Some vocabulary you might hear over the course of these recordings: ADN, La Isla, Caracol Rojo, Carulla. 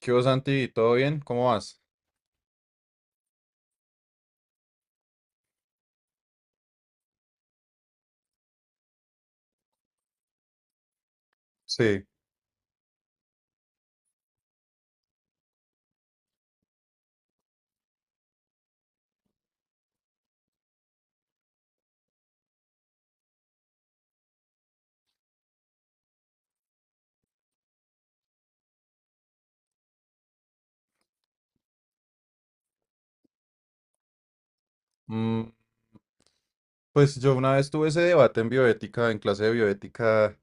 ¿Qué hubo, Santi? ¿Todo bien? ¿Cómo vas? Sí. Mm, pues yo una vez tuve ese debate en bioética, en clase de bioética,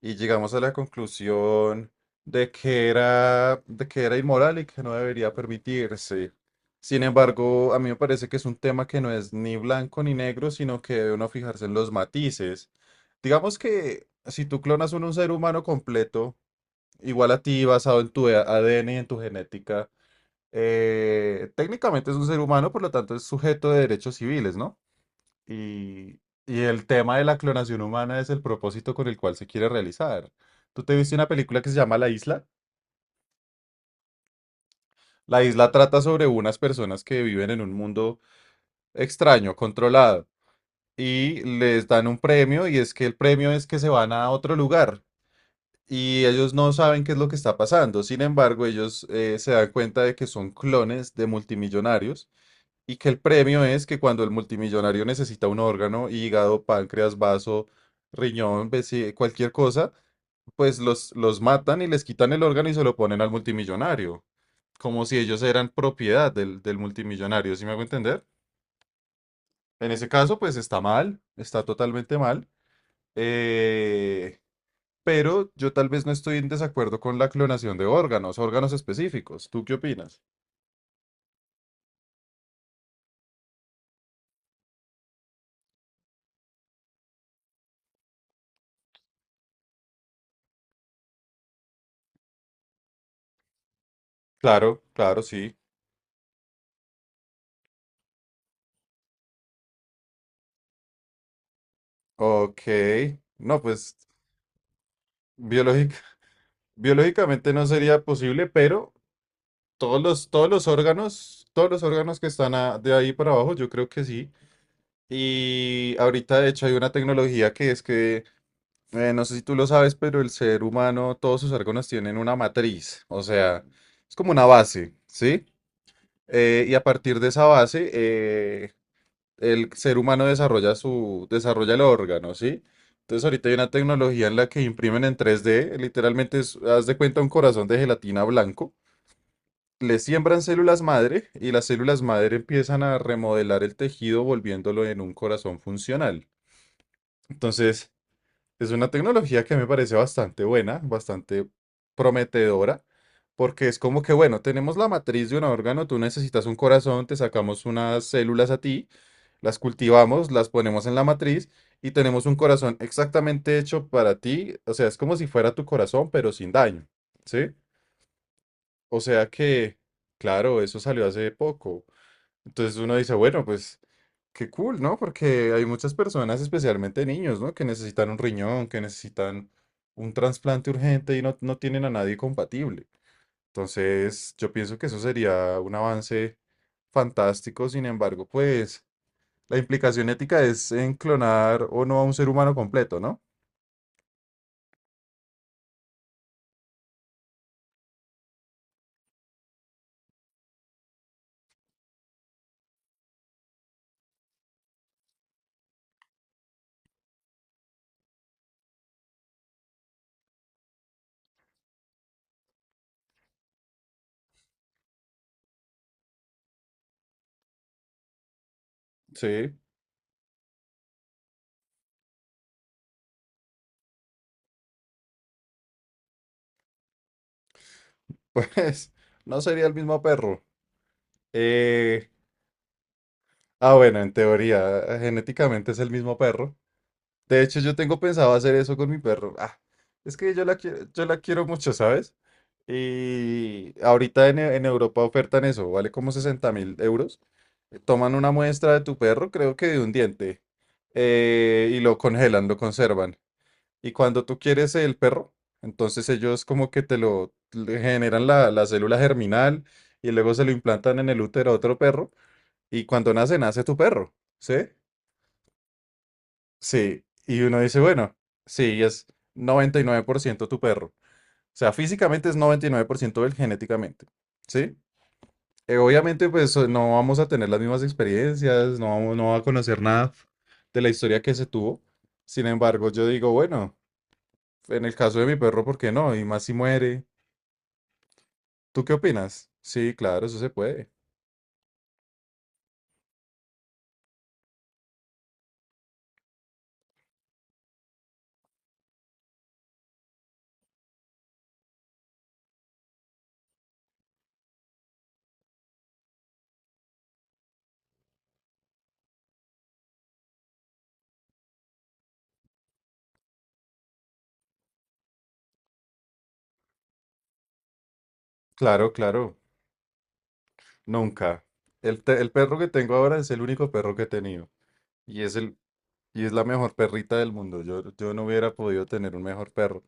y llegamos a la conclusión de que era inmoral y que no debería permitirse. Sin embargo, a mí me parece que es un tema que no es ni blanco ni negro, sino que debe uno fijarse en los matices. Digamos que si tú clonas un ser humano completo, igual a ti, basado en tu ADN y en tu genética, técnicamente es un ser humano, por lo tanto es sujeto de derechos civiles, ¿no? Y, y el tema de la clonación humana es el propósito con el cual se quiere realizar. ¿Tú te viste una película que se llama La Isla? La Isla trata sobre unas personas que viven en un mundo extraño, controlado, y les dan un premio y es que el premio es que se van a otro lugar. Y ellos no saben qué es lo que está pasando. Sin embargo, ellos se dan cuenta de que son clones de multimillonarios. Y que el premio es que cuando el multimillonario necesita un órgano, hígado, páncreas, vaso, riñón, cualquier cosa, pues los matan y les quitan el órgano y se lo ponen al multimillonario, como si ellos eran propiedad del multimillonario. ¿Sí me hago entender? En ese caso, pues está mal, está totalmente mal, eh, pero yo tal vez no estoy en desacuerdo con la clonación de órganos, órganos específicos. ¿Tú qué opinas? Claro, claro, sí. Ok. No, pues biológicamente Biológicamente no sería posible, pero todos los órganos que están de ahí para abajo, yo creo que sí. Y ahorita, de hecho, hay una tecnología que es que, no sé si tú lo sabes, pero el ser humano, todos sus órganos tienen una matriz, o sea, es como una base, ¿sí? Y a partir de esa base, el ser humano desarrolla el órgano, ¿sí? Entonces ahorita hay una tecnología en la que imprimen en 3D literalmente haz de cuenta un corazón de gelatina blanco, le siembran células madre y las células madre empiezan a remodelar el tejido volviéndolo en un corazón funcional. Entonces, es una tecnología que me parece bastante buena, bastante prometedora, porque es como que, bueno, tenemos la matriz de un órgano, tú necesitas un corazón, te sacamos unas células a ti, las cultivamos, las ponemos en la matriz y tenemos un corazón exactamente hecho para ti, o sea, es como si fuera tu corazón, pero sin daño, ¿sí? O sea que, claro, eso salió hace poco. Entonces uno dice, bueno, pues qué cool, ¿no? Porque hay muchas personas, especialmente niños, ¿no? Que necesitan un riñón, que necesitan un trasplante urgente y no, no tienen a nadie compatible. Entonces yo pienso que eso sería un avance fantástico. Sin embargo, pues la implicación ética es en clonar o no a un ser humano completo, ¿no? Sí, pues no sería el mismo perro. Eh, bueno, en teoría, genéticamente es el mismo perro. De hecho, yo tengo pensado hacer eso con mi perro. Ah, es que yo la quiero mucho, ¿sabes? Y ahorita en Europa ofertan eso, vale como 60.000 euros. Toman una muestra de tu perro, creo que de un diente, y lo congelan, lo conservan. Y cuando tú quieres el perro, entonces ellos como que te lo le generan la célula germinal y luego se lo implantan en el útero a otro perro. Y cuando nace, nace tu perro, ¿sí? Sí, y uno dice, bueno, sí, es 99% tu perro. O sea, físicamente es 99% él genéticamente, ¿sí? Obviamente, pues no vamos a tener las mismas experiencias, no va a conocer nada de la historia que se tuvo. Sin embargo, yo digo, bueno, en el caso de mi perro, ¿por qué no? Y más si muere. ¿Tú qué opinas? Sí, claro, eso se puede. Claro, claro, nunca. El perro que tengo ahora es el único perro que he tenido. Y es el, Y es la mejor perrita del mundo. Yo no hubiera podido tener un mejor perro.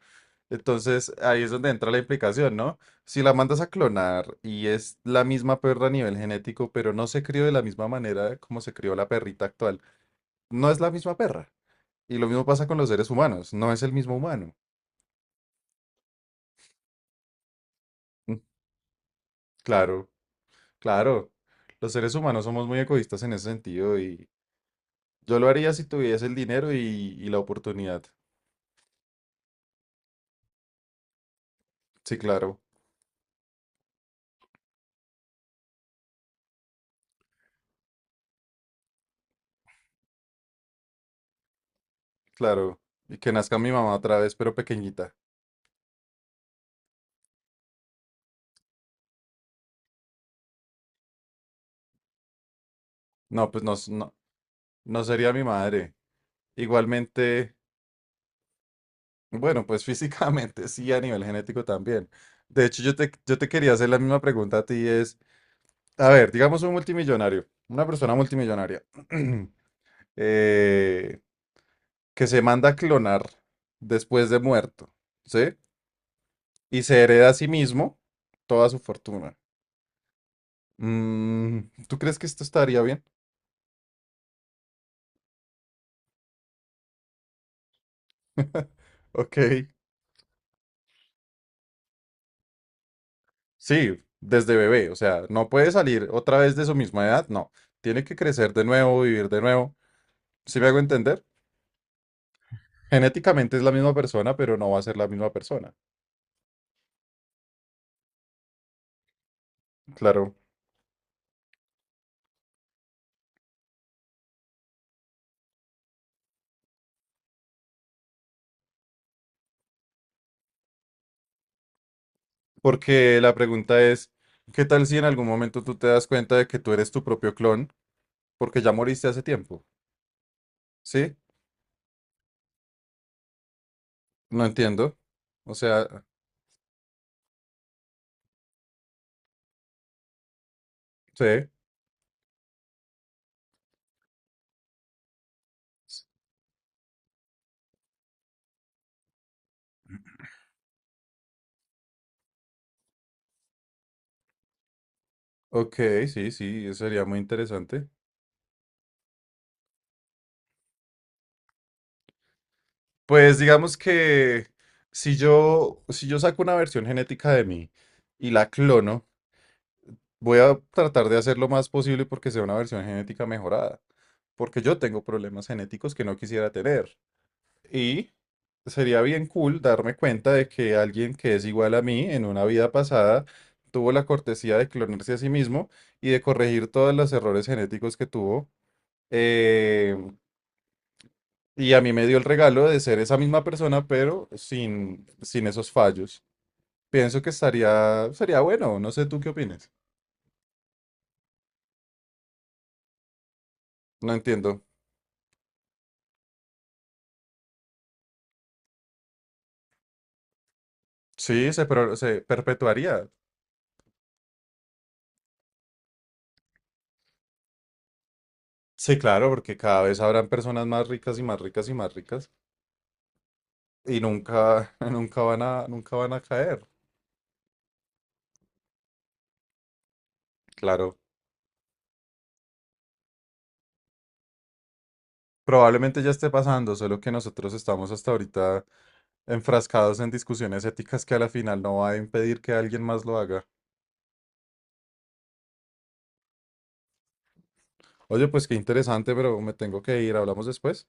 Entonces, ahí es donde entra la implicación, ¿no? Si la mandas a clonar y es la misma perra a nivel genético, pero no se crió de la misma manera como se crió la perrita actual, no es la misma perra. Y lo mismo pasa con los seres humanos, no es el mismo humano. Mm, claro, claro. Los seres humanos somos muy egoístas en ese sentido y yo lo haría si tuviese el dinero y la oportunidad. Sí, claro, claro. Y que nazca mi mamá otra vez, pero pequeñita. No, pues no, no, no sería mi madre. Igualmente, bueno, pues físicamente sí, a nivel genético también. De hecho, yo te quería hacer la misma pregunta a ti, es, a ver, digamos un multimillonario, una persona multimillonaria, eh, que se manda a clonar después de muerto, ¿sí? Y se hereda a sí mismo toda su fortuna. Mm, ¿Tú crees que esto estaría bien? Ok. Sí, desde bebé, o sea, no puede salir otra vez de su misma edad, no. Tiene que crecer de nuevo, vivir de nuevo. ¿Sí me hago entender? Genéticamente es la misma persona, pero no va a ser la misma persona. Claro, porque la pregunta es, ¿qué tal si en algún momento tú te das cuenta de que tú eres tu propio clon porque ya moriste hace tiempo? ¿Sí? No entiendo. O sea, sí, ok, sí, sí, eso sería muy interesante. Pues digamos que si yo saco una versión genética de mí, y la clono, voy a tratar de hacer lo más posible porque sea una versión genética mejorada, porque yo tengo problemas genéticos que no quisiera tener. Y sería bien cool darme cuenta de que alguien que es igual a mí en una vida pasada tuvo la cortesía de clonarse a sí mismo y de corregir todos los errores genéticos que tuvo. eh, y a mí me dio el regalo de ser esa misma persona, pero sin esos fallos. Pienso que estaría, sería bueno, no sé tú qué opinas. No entiendo. Sí, se perpetuaría. Sí, claro, porque cada vez habrán personas más ricas y más ricas y más ricas y nunca, nunca van a, nunca van a caer. Claro, probablemente ya esté pasando, solo que nosotros estamos hasta ahorita enfrascados en discusiones éticas que a la final no va a impedir que alguien más lo haga. Oye, pues qué interesante, pero me tengo que ir. Hablamos después.